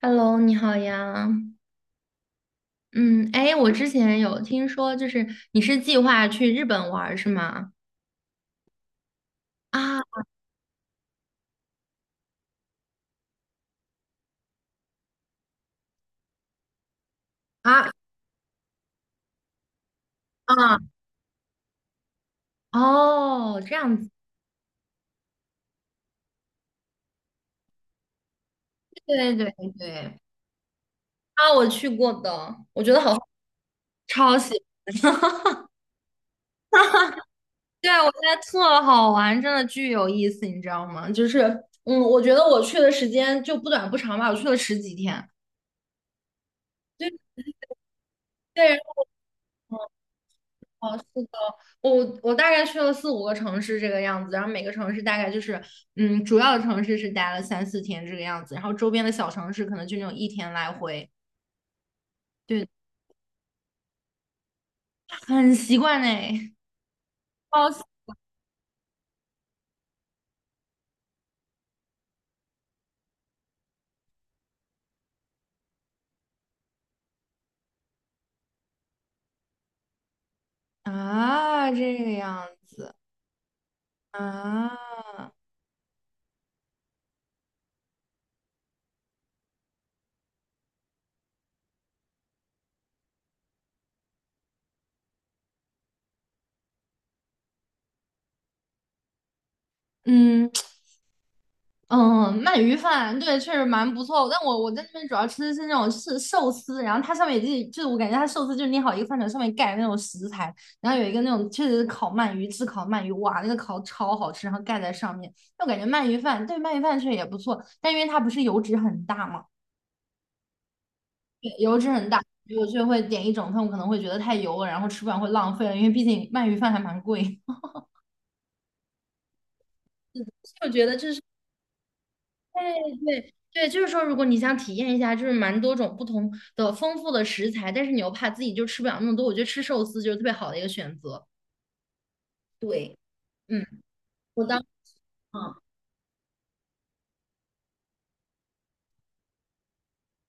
Hello，你好呀。嗯，哎，我之前有听说，就是你是计划去日本玩儿是吗？啊啊啊！哦，这样子，对对对对。啊，我去过的，我觉得好，超喜欢。对，我觉得特好玩，真的巨有意思，你知道吗？就是，嗯，我觉得我去的时间就不短不长吧，我去了十几天。对对，哦，是的，我大概去了四五个城市这个样子，然后每个城市大概就是，嗯，主要的城市是待了三四天这个样子，然后周边的小城市可能就那种一天来回，对，很习惯呢。哦，啊，这个样子啊，嗯。嗯，鳗鱼饭对，确实蛮不错。但我在那边主要吃的是那种是寿司，然后它上面也就是我感觉它寿司就是捏好一个饭团上面盖那种食材，然后有一个那种确实是烤鳗鱼，炙烤鳗鱼，哇，那个烤超好吃，然后盖在上面。但我感觉鳗鱼饭对鳗鱼饭确实也不错，但因为它不是油脂很大嘛，对，油脂很大，我就会点一整份，我可能会觉得太油了，然后吃不完会浪费了，因为毕竟鳗鱼饭还蛮贵。我觉得这是。对对对，就是说，如果你想体验一下，就是蛮多种不同的丰富的食材，但是你又怕自己就吃不了那么多，我觉得吃寿司就是特别好的一个选择。对，嗯，我当，嗯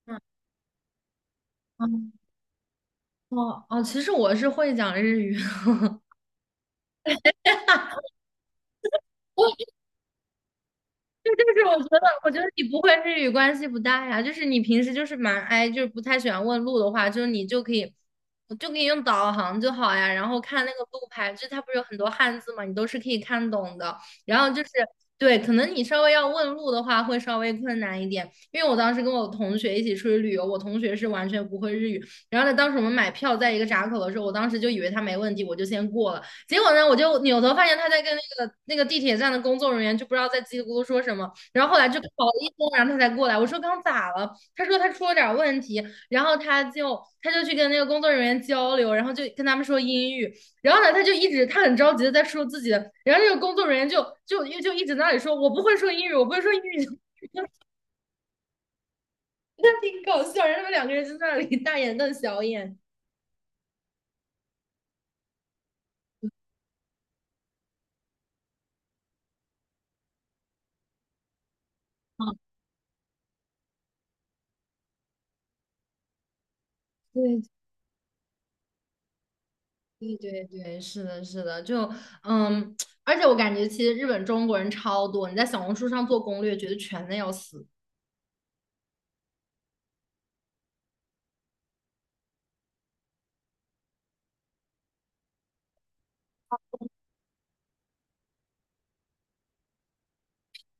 嗯，嗯，哦哦，其实我是会讲日语。这就是我觉得，我觉得你不会日语关系不大呀。就是你平时就是蛮爱，就是不太喜欢问路的话，就是你就可以，就可以用导航就好呀。然后看那个路牌，就它不是有很多汉字嘛，你都是可以看懂的。然后就是对，可能你稍微要问路的话会稍微困难一点，因为我当时跟我同学一起出去旅游，我同学是完全不会日语。然后呢，当时我们买票在一个闸口的时候，我当时就以为他没问题，我就先过了。结果呢，我就扭头发现他在跟那个地铁站的工作人员就不知道在叽里咕噜说什么，然后后来就搞了一通，然后他才过来。我说刚咋了？他说他出了点问题，然后他就去跟那个工作人员交流，然后就跟他们说英语，然后呢，他就一直他很着急的在说自己的，然后那个工作人员就一直在那里说我不会说英语，我不会说英语，那挺搞笑。然后他们两个人就在那里大眼瞪小眼。啊，对对对对，是的，是的，就嗯，而且我感觉其实日本中国人超多，你在小红书上做攻略，觉得全的要死。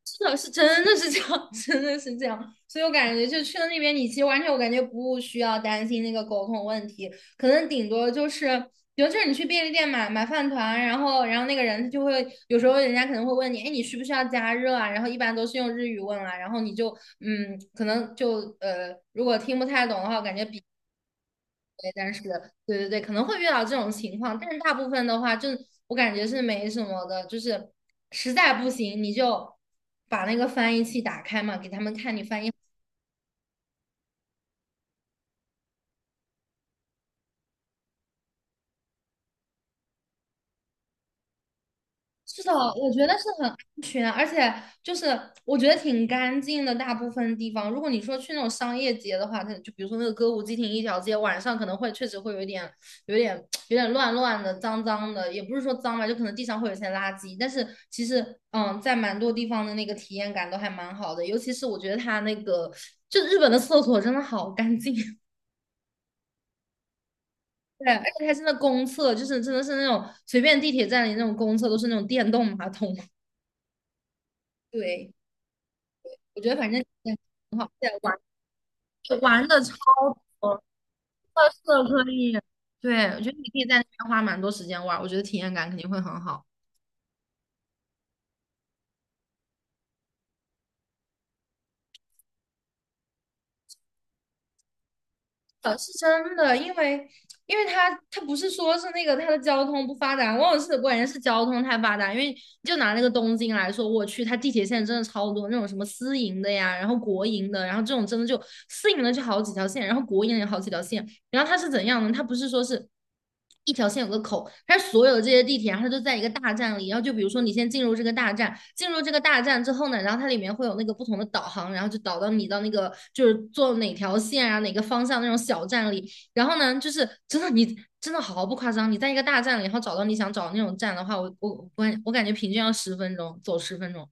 是的，是真的是这样，真的是这样。所以我感觉就去了那边，你其实完全我感觉不需要担心那个沟通问题，可能顶多就是，比如就是你去便利店买饭团，然后那个人他就会有时候人家可能会问你，哎，你需不需要加热啊？然后一般都是用日语问啊，然后你就嗯，可能就,如果听不太懂的话，我感觉比。对但是对对对，可能会遇到这种情况，但是大部分的话，就我感觉是没什么的，就是实在不行你就把那个翻译器打开嘛，给他们看你翻译。是的，我觉得是很安全，而且就是我觉得挺干净的。大部分地方，如果你说去那种商业街的话，它就比如说那个歌舞伎町一条街，晚上可能会确实会有一点、有点、有点乱乱的、脏脏的，也不是说脏吧，就可能地上会有一些垃圾。但是其实，嗯，在蛮多地方的那个体验感都还蛮好的，尤其是我觉得它那个，就日本的厕所真的好干净，对，而且它真的公厕，就是真的是那种随便地铁站里那种公厕都是那种电动马桶，对。我觉得反正也很好，对，玩玩的超多，特色可以。对，我觉得你可以在那边花蛮多时间玩，我觉得体验感肯定会很好。是真的，因为因为它它不是说是那个它的交通不发达，往往是关键是交通太发达，因为就拿那个东京来说，我去它地铁线真的超多，那种什么私营的呀，然后国营的，然后这种真的就私营的就好几条线，然后国营的有好几条线，然后它是怎样呢？它不是说是一条线有个口，它是所有的这些地铁，然后它都在一个大站里。然后就比如说你先进入这个大站，进入这个大站之后呢，然后它里面会有那个不同的导航，然后就导到你到那个就是坐哪条线啊，哪个方向那种小站里。然后呢，就是真的你真的毫不夸张，你在一个大站里，然后找到你想找的那种站的话，我感觉平均要10分钟,走10分钟。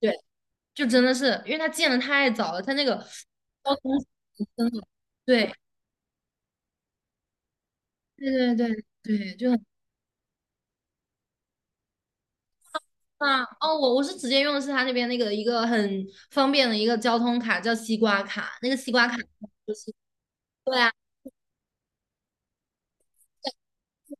对，就真的是因为它建的太早了，它那个交通真的对对对对对，就很。啊，哦，我是直接用的是他那边那个一个很方便的一个交通卡，叫西瓜卡。那个西瓜卡就是对啊，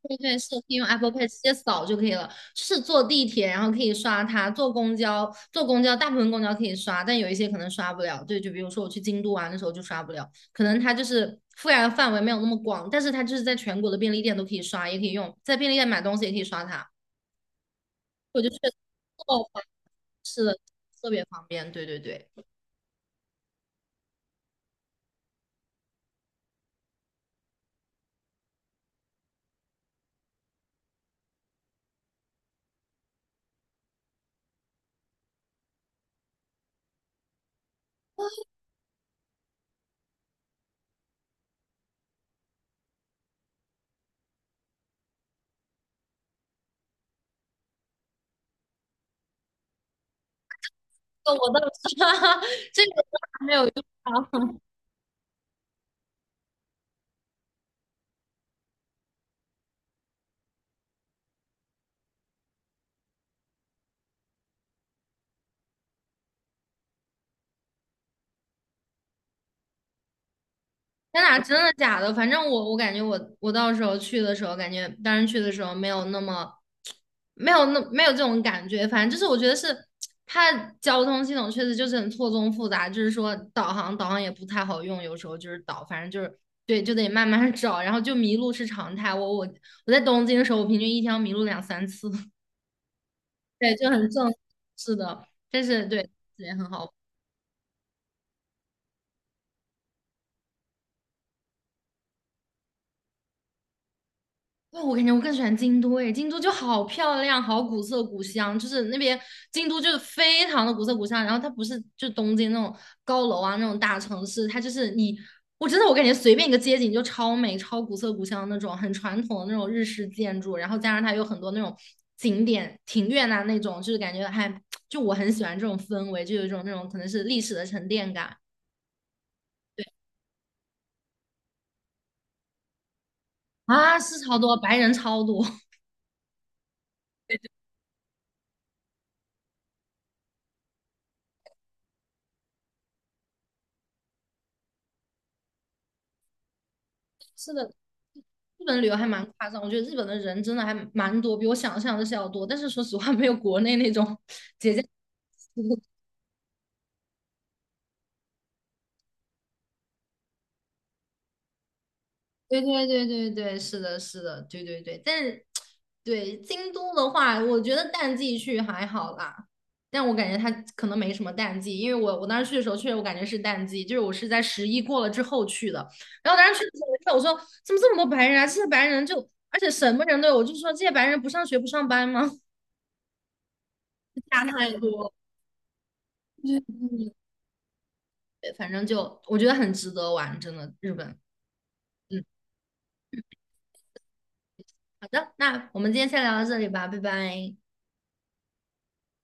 对对，是可以用 Apple Pay 直接扫就可以了。就是坐地铁，然后可以刷它；坐公交，坐公交大部分公交可以刷，但有一些可能刷不了。对，就比如说我去京都玩的时候就刷不了，可能它就是覆盖的范围没有那么广，但是它就是在全国的便利店都可以刷，也可以用，在便利店买东西也可以刷它。我就觉得哦特别方便。对对对。我倒是 这个我还没有用啊！天呐，真的假的？反正我感觉我到时候去的时候，感觉当时去的时候没有那么没有这种感觉。反正就是我觉得是它的交通系统确实就是很错综复杂，就是说导航也不太好用，有时候就是导，反正就是对，就得慢慢找，然后就迷路是常态。我在东京的时候，我平均一天要迷路2、3次，对，就很正，是的，但是对也很好。那我感觉我更喜欢京都诶，京都就好漂亮，好古色古香，就是那边京都就是非常的古色古香。然后它不是就东京那种高楼啊那种大城市，它就是你，我真的我感觉随便一个街景就超美、超古色古香那种，很传统的那种日式建筑，然后加上它有很多那种景点、庭院啊那种，就是感觉还就我很喜欢这种氛围，就有一种那种可能是历史的沉淀感啊，是超多白人超多，对，是的，日本旅游还蛮夸张，我觉得日本的人真的还蛮多，比我想象的是要多。但是说实话，没有国内那种 节假。对对对对对，是的，是的，对对对。但是，对京都的话，我觉得淡季去还好啦。但我感觉它可能没什么淡季，因为我当时去的时候，确实我感觉是淡季，就是我是在十一过了之后去的。然后当时去的时候，我就说，我说怎么这么多白人啊？这些白人就，而且什么人都有，我就说这些白人不上学不上班吗？差太多了。对对对，反正就我觉得很值得玩，真的，日本。嗯，好的，那我们今天先聊到这里吧，拜拜。